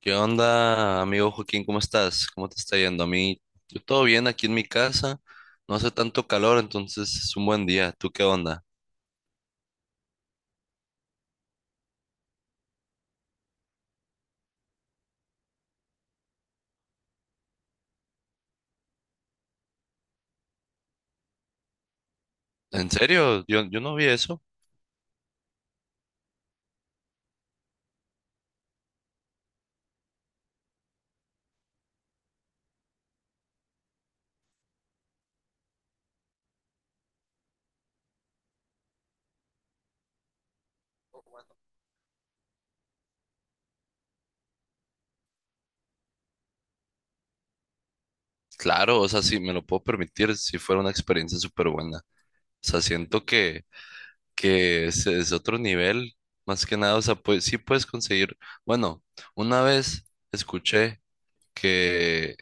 ¿Qué onda, amigo Joaquín? ¿Cómo estás? ¿Cómo te está yendo? Yo todo bien aquí en mi casa. No hace tanto calor, entonces es un buen día. ¿Tú qué onda? ¿En serio? Yo no vi eso. Claro, o sea, si me lo puedo permitir si fuera una experiencia súper buena. O sea, siento que es otro nivel, más que nada. O sea, pues sí puedes conseguir. Bueno, una vez escuché que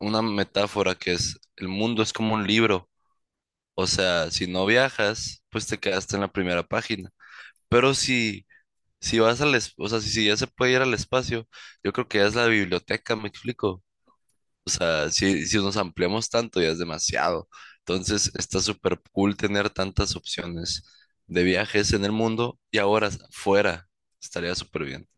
una metáfora que es el mundo es como un libro. O sea, si no viajas, pues te quedaste en la primera página. Pero si vas o sea, si ya se puede ir al espacio, yo creo que ya es la biblioteca, me explico. O sea, si nos ampliamos tanto, ya es demasiado. Entonces, está súper cool tener tantas opciones de viajes en el mundo y ahora fuera. Estaría súper bien.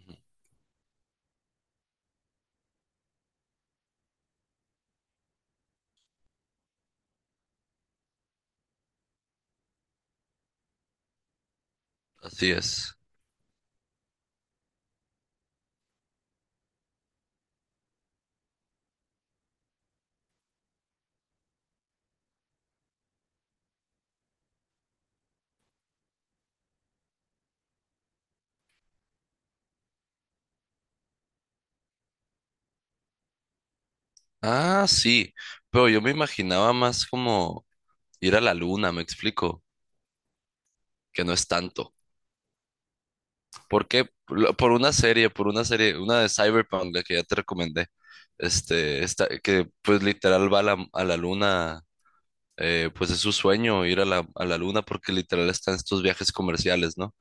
Ujú. Así es. Ah, sí. Pero yo me imaginaba más como ir a la luna, me explico, que no es tanto. ¿Por qué? Por una serie, una de Cyberpunk, la que ya te recomendé. Esta, que pues literal va a la luna, pues es su sueño ir a la luna porque literal está en estos viajes comerciales, ¿no?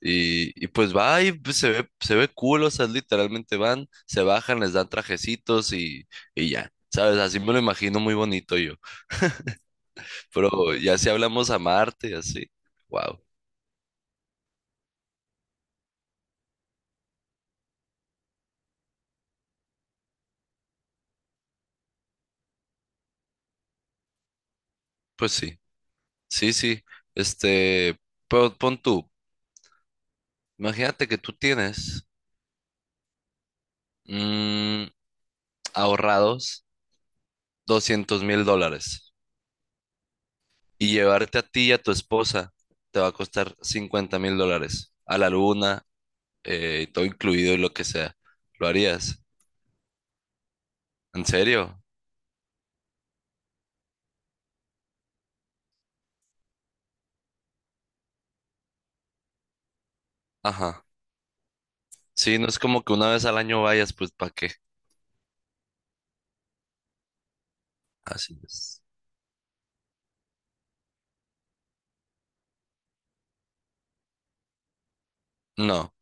Y pues va y pues, se ve cool, o sea, literalmente van, se bajan, les dan trajecitos y ya, ¿sabes? Así me lo imagino muy bonito yo. Pero ya si hablamos a Marte y así, wow, pues sí, sí, sí, este, pero pon tú. Imagínate que tú tienes mm, ahorrados $200,000 y llevarte a ti y a tu esposa te va a costar $50,000 a la luna, todo incluido y lo que sea. ¿Lo harías? ¿En serio? Ajá. Sí, no es como que una vez al año vayas, pues ¿para qué? Así es. No.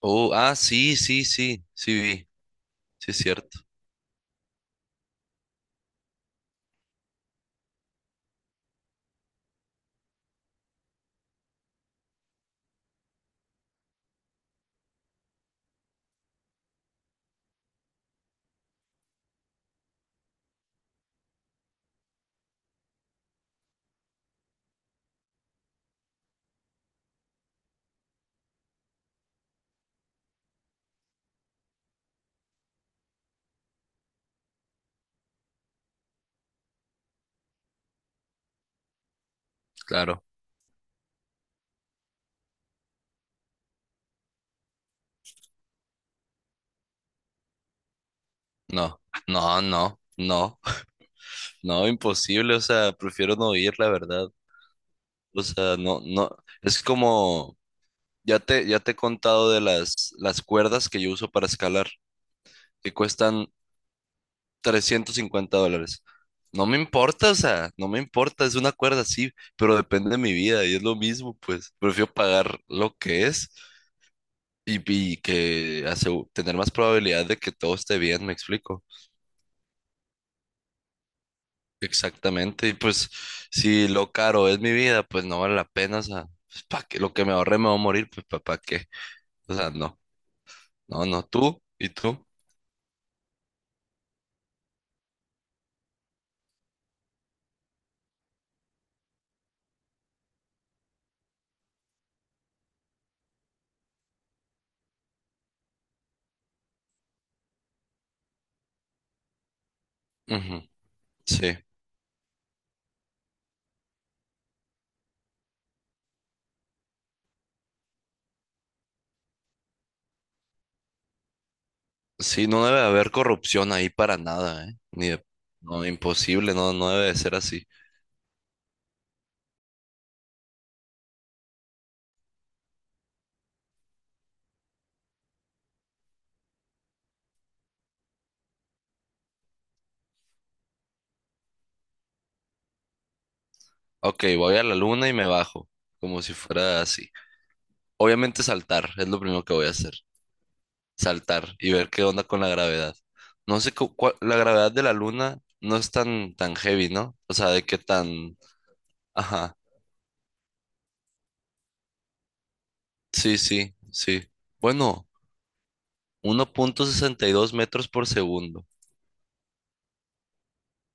Oh, ah, sí, sí, sí, sí vi. Sí es cierto. Claro. No, no, no, no. No, imposible, o sea, prefiero no ir, la verdad. O sea, no, no, es como, ya te he contado de las cuerdas que yo uso para escalar, que cuestan $350. No me importa, o sea, no me importa, es una cuerda, sí, pero depende de mi vida y es lo mismo, pues prefiero pagar lo que es y que asegu- tener más probabilidad de que todo esté bien, me explico. Exactamente, y pues si lo caro es mi vida, pues no vale la pena, o sea, pues, ¿para qué? Lo que me ahorré me va a morir, pues ¿para qué? O sea, no. No, no, tú y tú. Ujú. Sí, sí, no debe haber corrupción ahí para nada, ¿eh? Ni de- No, imposible, no, no debe de ser así. Ok, voy a la luna y me bajo, como si fuera así. Obviamente saltar, es lo primero que voy a hacer, saltar y ver qué onda con la gravedad. No sé, la gravedad de la luna no es tan heavy, ¿no? O sea, de qué tan... Ajá, sí, sí, sí. Bueno, 1,62 m/s.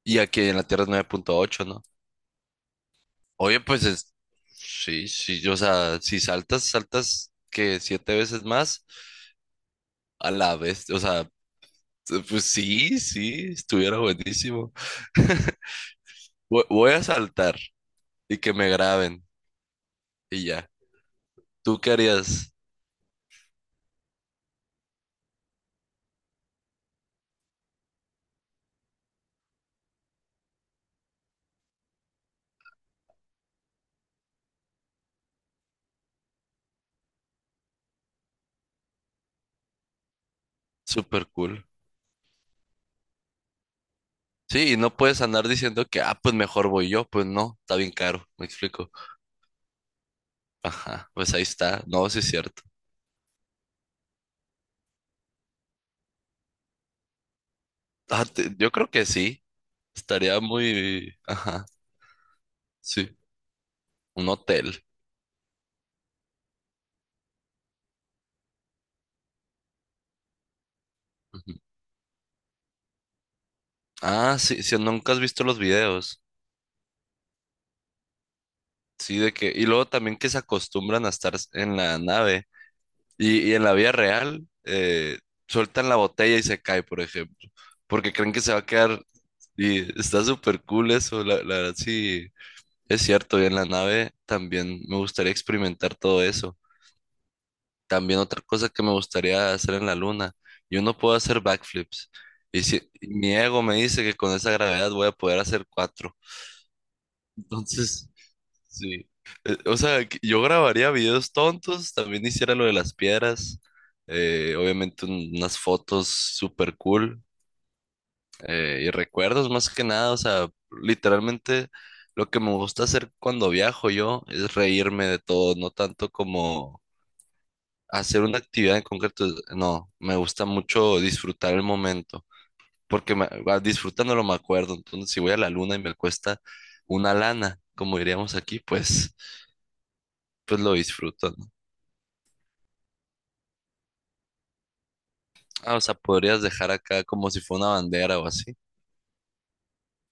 Y aquí en la Tierra es 9,8, ¿no? Oye, pues sí, sí, o sea, si saltas, saltas que siete veces más a la vez, o sea, pues sí, sí, estuviera buenísimo. Voy a saltar y que me graben y ya. ¿Tú qué harías? Súper cool. Sí, y no puedes andar diciendo que, ah, pues mejor voy yo, pues no, está bien caro, me explico. Ajá, pues ahí está, no, sí es cierto. Ah, yo creo que sí, estaría muy, ajá, sí, un hotel. Ah, sí, sí, nunca has visto los videos. Sí, de que. Y luego también que se acostumbran a estar en la nave. Y en la vida real, sueltan la botella y se cae, por ejemplo. Porque creen que se va a quedar. Y está súper cool eso. La verdad, sí, es cierto. Y en la nave también me gustaría experimentar todo eso. También otra cosa que me gustaría hacer en la luna. Yo no puedo hacer backflips. Y si y mi ego me dice que con esa gravedad voy a poder hacer cuatro. Entonces. Sí. O sea, que yo grabaría videos tontos, también hiciera lo de las piedras, obviamente unas fotos super cool, y recuerdos más que nada, o sea, literalmente lo que me gusta hacer cuando viajo yo es reírme de todo, no tanto como hacer una actividad en concreto, no, me gusta mucho disfrutar el momento, porque me, va, disfrutándolo me acuerdo, entonces si voy a la luna y me cuesta una lana, como diríamos aquí, pues, pues lo disfruto. Ah, o sea, podrías dejar acá como si fuera una bandera o así.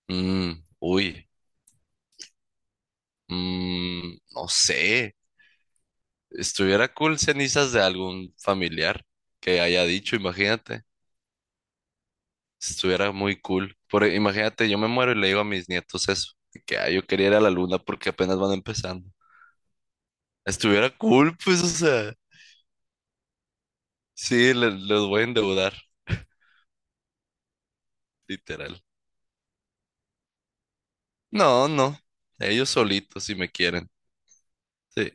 Mm, uy, no sé. Estuviera cool cenizas de algún familiar que haya dicho, imagínate. Estuviera muy cool. Imagínate, yo me muero y le digo a mis nietos eso, de que "Ah, yo quería ir a la luna porque apenas van empezando. Estuviera cool, pues, o sea." Sí, los voy a endeudar, literal. No, no. Ellos solitos si me quieren. Sí.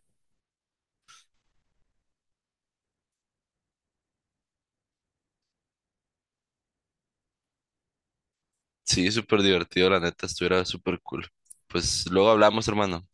Sí, súper divertido, la neta, estuviera súper cool. Pues luego hablamos, hermano.